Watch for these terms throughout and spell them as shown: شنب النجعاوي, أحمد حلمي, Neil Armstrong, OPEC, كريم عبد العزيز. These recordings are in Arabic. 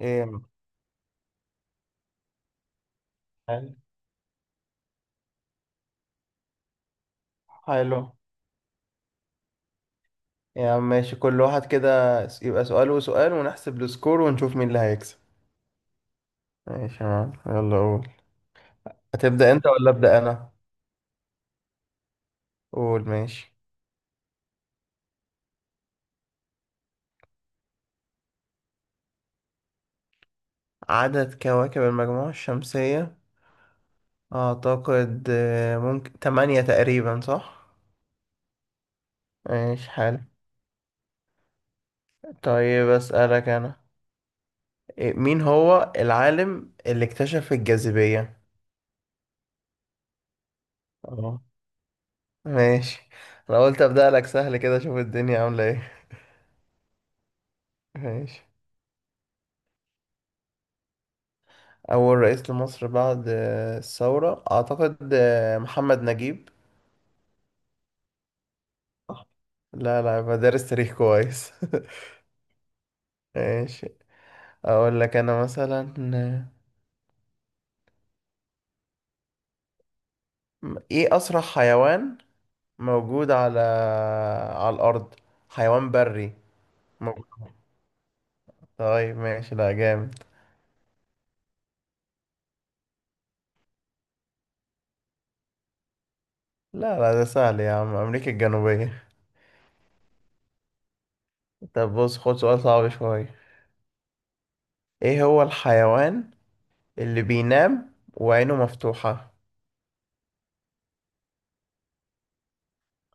ايه يا عم؟ حلو. يا عم ماشي، كل واحد كده. يبقى سؤال وسؤال ونحسب السكور ونشوف مين اللي هيكسب. ماشي يا عم، يلا قول. هتبدأ انت ولا أبدأ انا؟ قول ماشي. عدد كواكب المجموعة الشمسية؟ اعتقد ممكن 8 تقريبا، صح. ماشي، حلو. طيب أسألك انا، إيه، مين هو العالم اللي اكتشف الجاذبية؟ اه ماشي. انا قلت أبدأ لك سهل كده، اشوف الدنيا عاملة ايه. ماشي. أول رئيس لمصر بعد الثورة أعتقد محمد نجيب. صح. لا لا، بدرس تاريخ كويس. ماشي. أقول لك أنا مثلا، إيه أسرع حيوان موجود على الأرض؟ حيوان بري موجود. طيب ماشي، لا جامد. لا لا، ده سهل يا عم، أمريكا الجنوبية. طب بص، خد سؤال صعب شوية. إيه هو الحيوان اللي بينام وعينه مفتوحة؟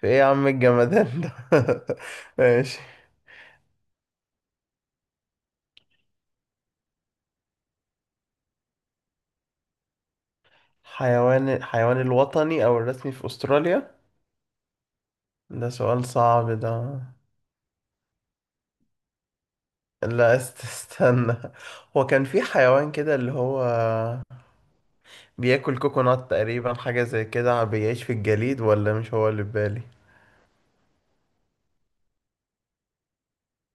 في إيه يا عم الجمدان ده؟ ماشي. حيوان الوطني أو الرسمي في أستراليا؟ ده سؤال صعب ده. لا، استنى. هو كان في حيوان كده اللي هو بياكل كوكونات تقريبا، حاجة زي كده، بيعيش في الجليد، ولا مش هو اللي في بالي؟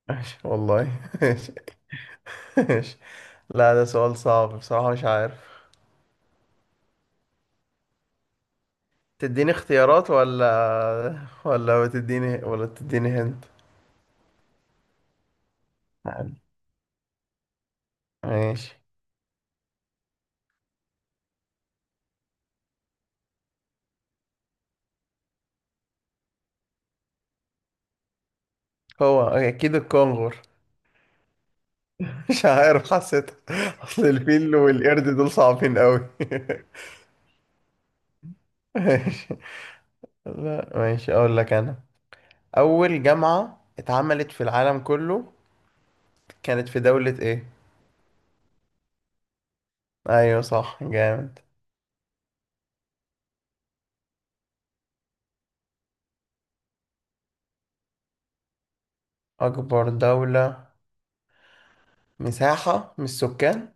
ماشي والله. ماشي. ماشي. لا ده سؤال صعب بصراحة، مش عارف. تديني اختيارات ولا تديني هنت؟ ماشي. هو أكيد الكونغر. مش عارف، حسيتها. اصل الفيل والقرد دول صعبين قوي. ماشي. لا ماشي، اقول لك انا. اول جامعة اتعملت في العالم كله، كانت في دولة ايه؟ ايوه صح، جامد. اكبر دولة مساحة مش سكان؟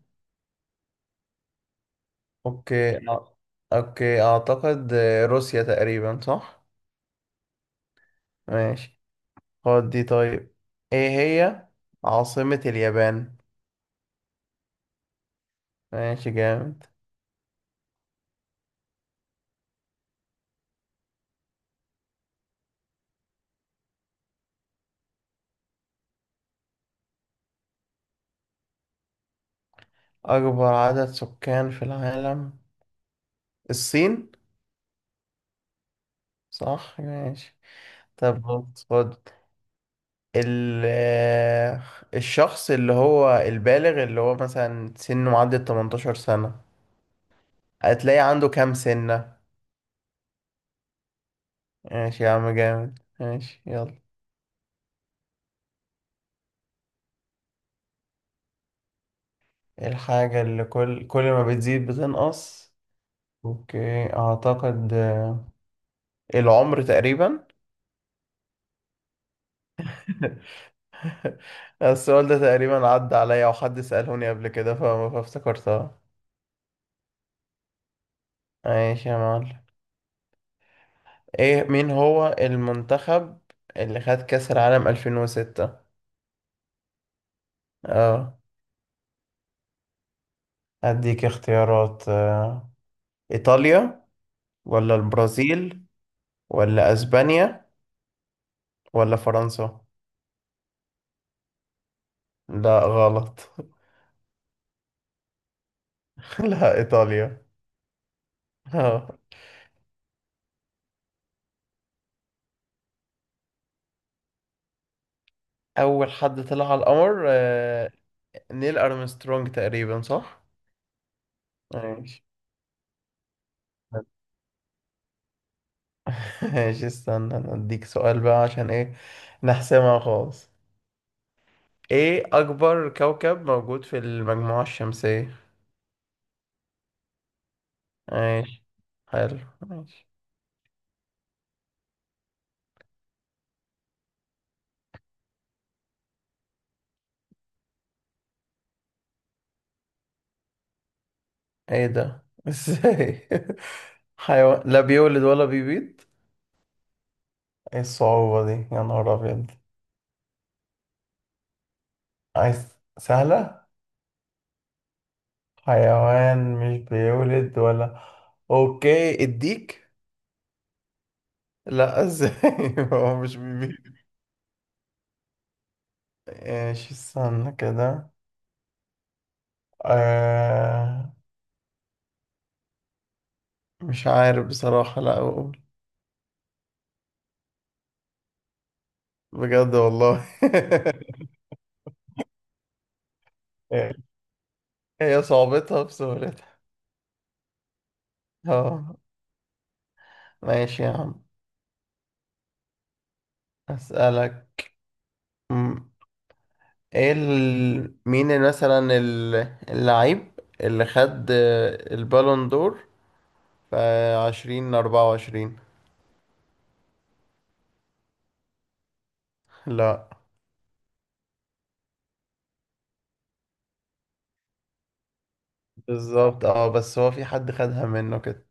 اوكي اوكي، اعتقد روسيا تقريبا، صح. ماشي. خد دي طيب، ايه هي عاصمة اليابان؟ ماشي، جامد. اكبر عدد سكان في العالم، الصين. صح ماشي. طب بص، خد ال الشخص اللي هو البالغ، اللي هو مثلا سنه معدي ال 18 سنة، هتلاقي عنده كام سنة؟ ماشي يا عم، جامد، ماشي يلا. الحاجة اللي كل ما بتزيد بتنقص؟ اوكي، اعتقد العمر تقريبا. السؤال ده تقريبا عدى عليا، وحد سألهوني قبل كده فافتكرتها. ماشي يا معلم، ايه مين هو المنتخب اللي خد كأس العالم 2006؟ اه. اديك اختيارات. ايطاليا، ولا البرازيل، ولا اسبانيا، ولا فرنسا؟ لا غلط. لا ايطاليا. اه. اول حد طلع على القمر. نيل ارمسترونج تقريبا، صح. ماشي. ماشي، استنى أنا اديك سؤال بقى، عشان ايه، نحسمها خالص. ايه اكبر كوكب موجود في المجموعة الشمسية؟ ماشي، حلو، ماشي. ايه ده؟ ازاي حيوان لا بيولد ولا بيبيض؟ ايه الصعوبة دي يا نهار ابيض؟ عايز سهلة. حيوان مش بيولد ولا، اوكي، الديك. لا، ازاي. هو مش بيبيض. ايش، استنى كده، آه... مش عارف بصراحة، لا اقول. بجد والله. هي صعوبتها بسهولتها. اه ماشي يا عم. اسألك، ايه مين مثلا اللعيب اللي خد البالون دور في 2024؟ لا. بالظبط، اه، بس هو في حد خدها منه كده.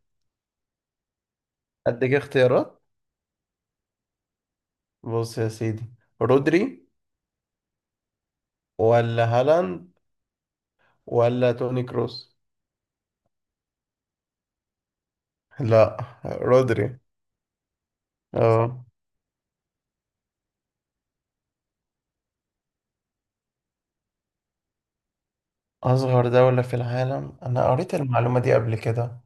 اديك اختيارات؟ بص يا سيدي، رودري، ولا هالاند، ولا توني كروس؟ لا، رودري. اه. اصغر دولة في العالم، انا قريت المعلومة دي قبل كده.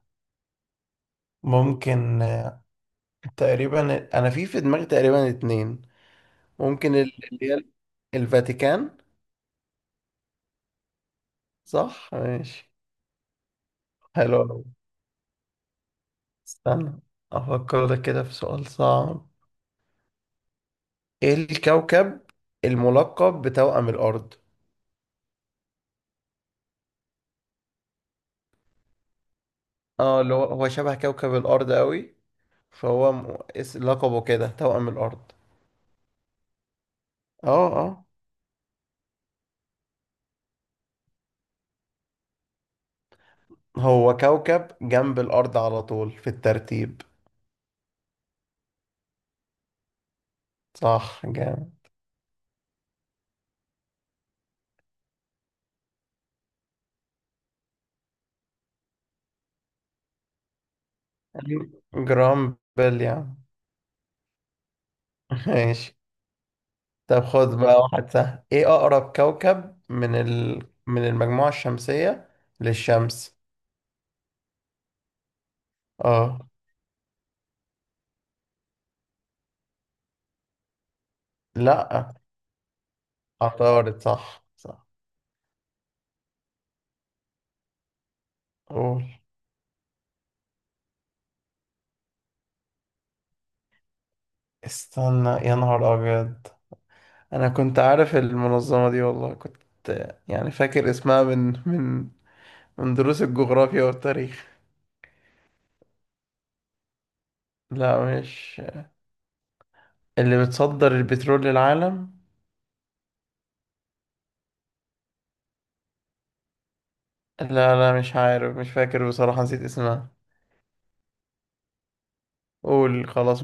ممكن تقريبا انا في دماغي تقريبا 2. ممكن اللي هي الفاتيكان. صح ماشي. حلو أوي. استنى، أفكر لك كده في سؤال صعب. إيه الكوكب الملقب بتوأم الأرض؟ اه، اللي هو شبه كوكب الأرض أوي، فهو لقبه كده توأم الأرض. اه اه. هو كوكب جنب الأرض على طول في الترتيب. صح، جامد. جرامبل يعني. ماشي. طب خد بقى واحد سهل، ايه اقرب كوكب من المجموعة الشمسية للشمس؟ اه. لا، عطارد. صح صح. قول. استنى يا نهار ابيض، انا كنت عارف المنظمة دي والله، كنت يعني فاكر اسمها من من دروس الجغرافيا والتاريخ. لا مش، اللي بتصدر البترول للعالم. لا لا، مش عارف، مش فاكر بصراحة، نسيت اسمها. قول خلاص.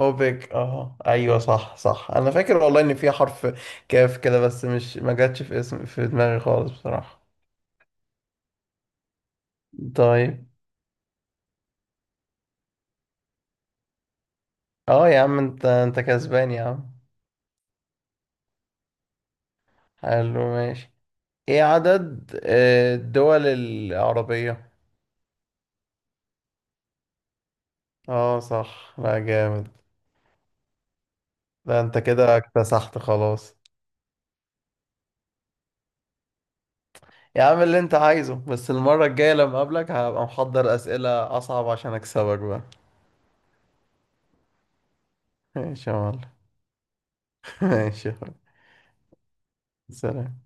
اوبك. اه ايوه، صح صح، انا فاكر والله ان في حرف كاف كده، بس مش ما جاتش في اسم في دماغي خالص بصراحة. طيب. اه يا عم، انت كسبان يا عم. حلو ماشي. ايه عدد الدول العربية؟ اه صح، لا جامد. لا انت كده اكتسحت خلاص. يا عم اللي انت عايزه، بس المرة الجاية لما اقابلك هبقى محضر اسئلة اصعب عشان اكسبك بقى. ماشي يا معلم. ماشي يا حبيبي. سلام.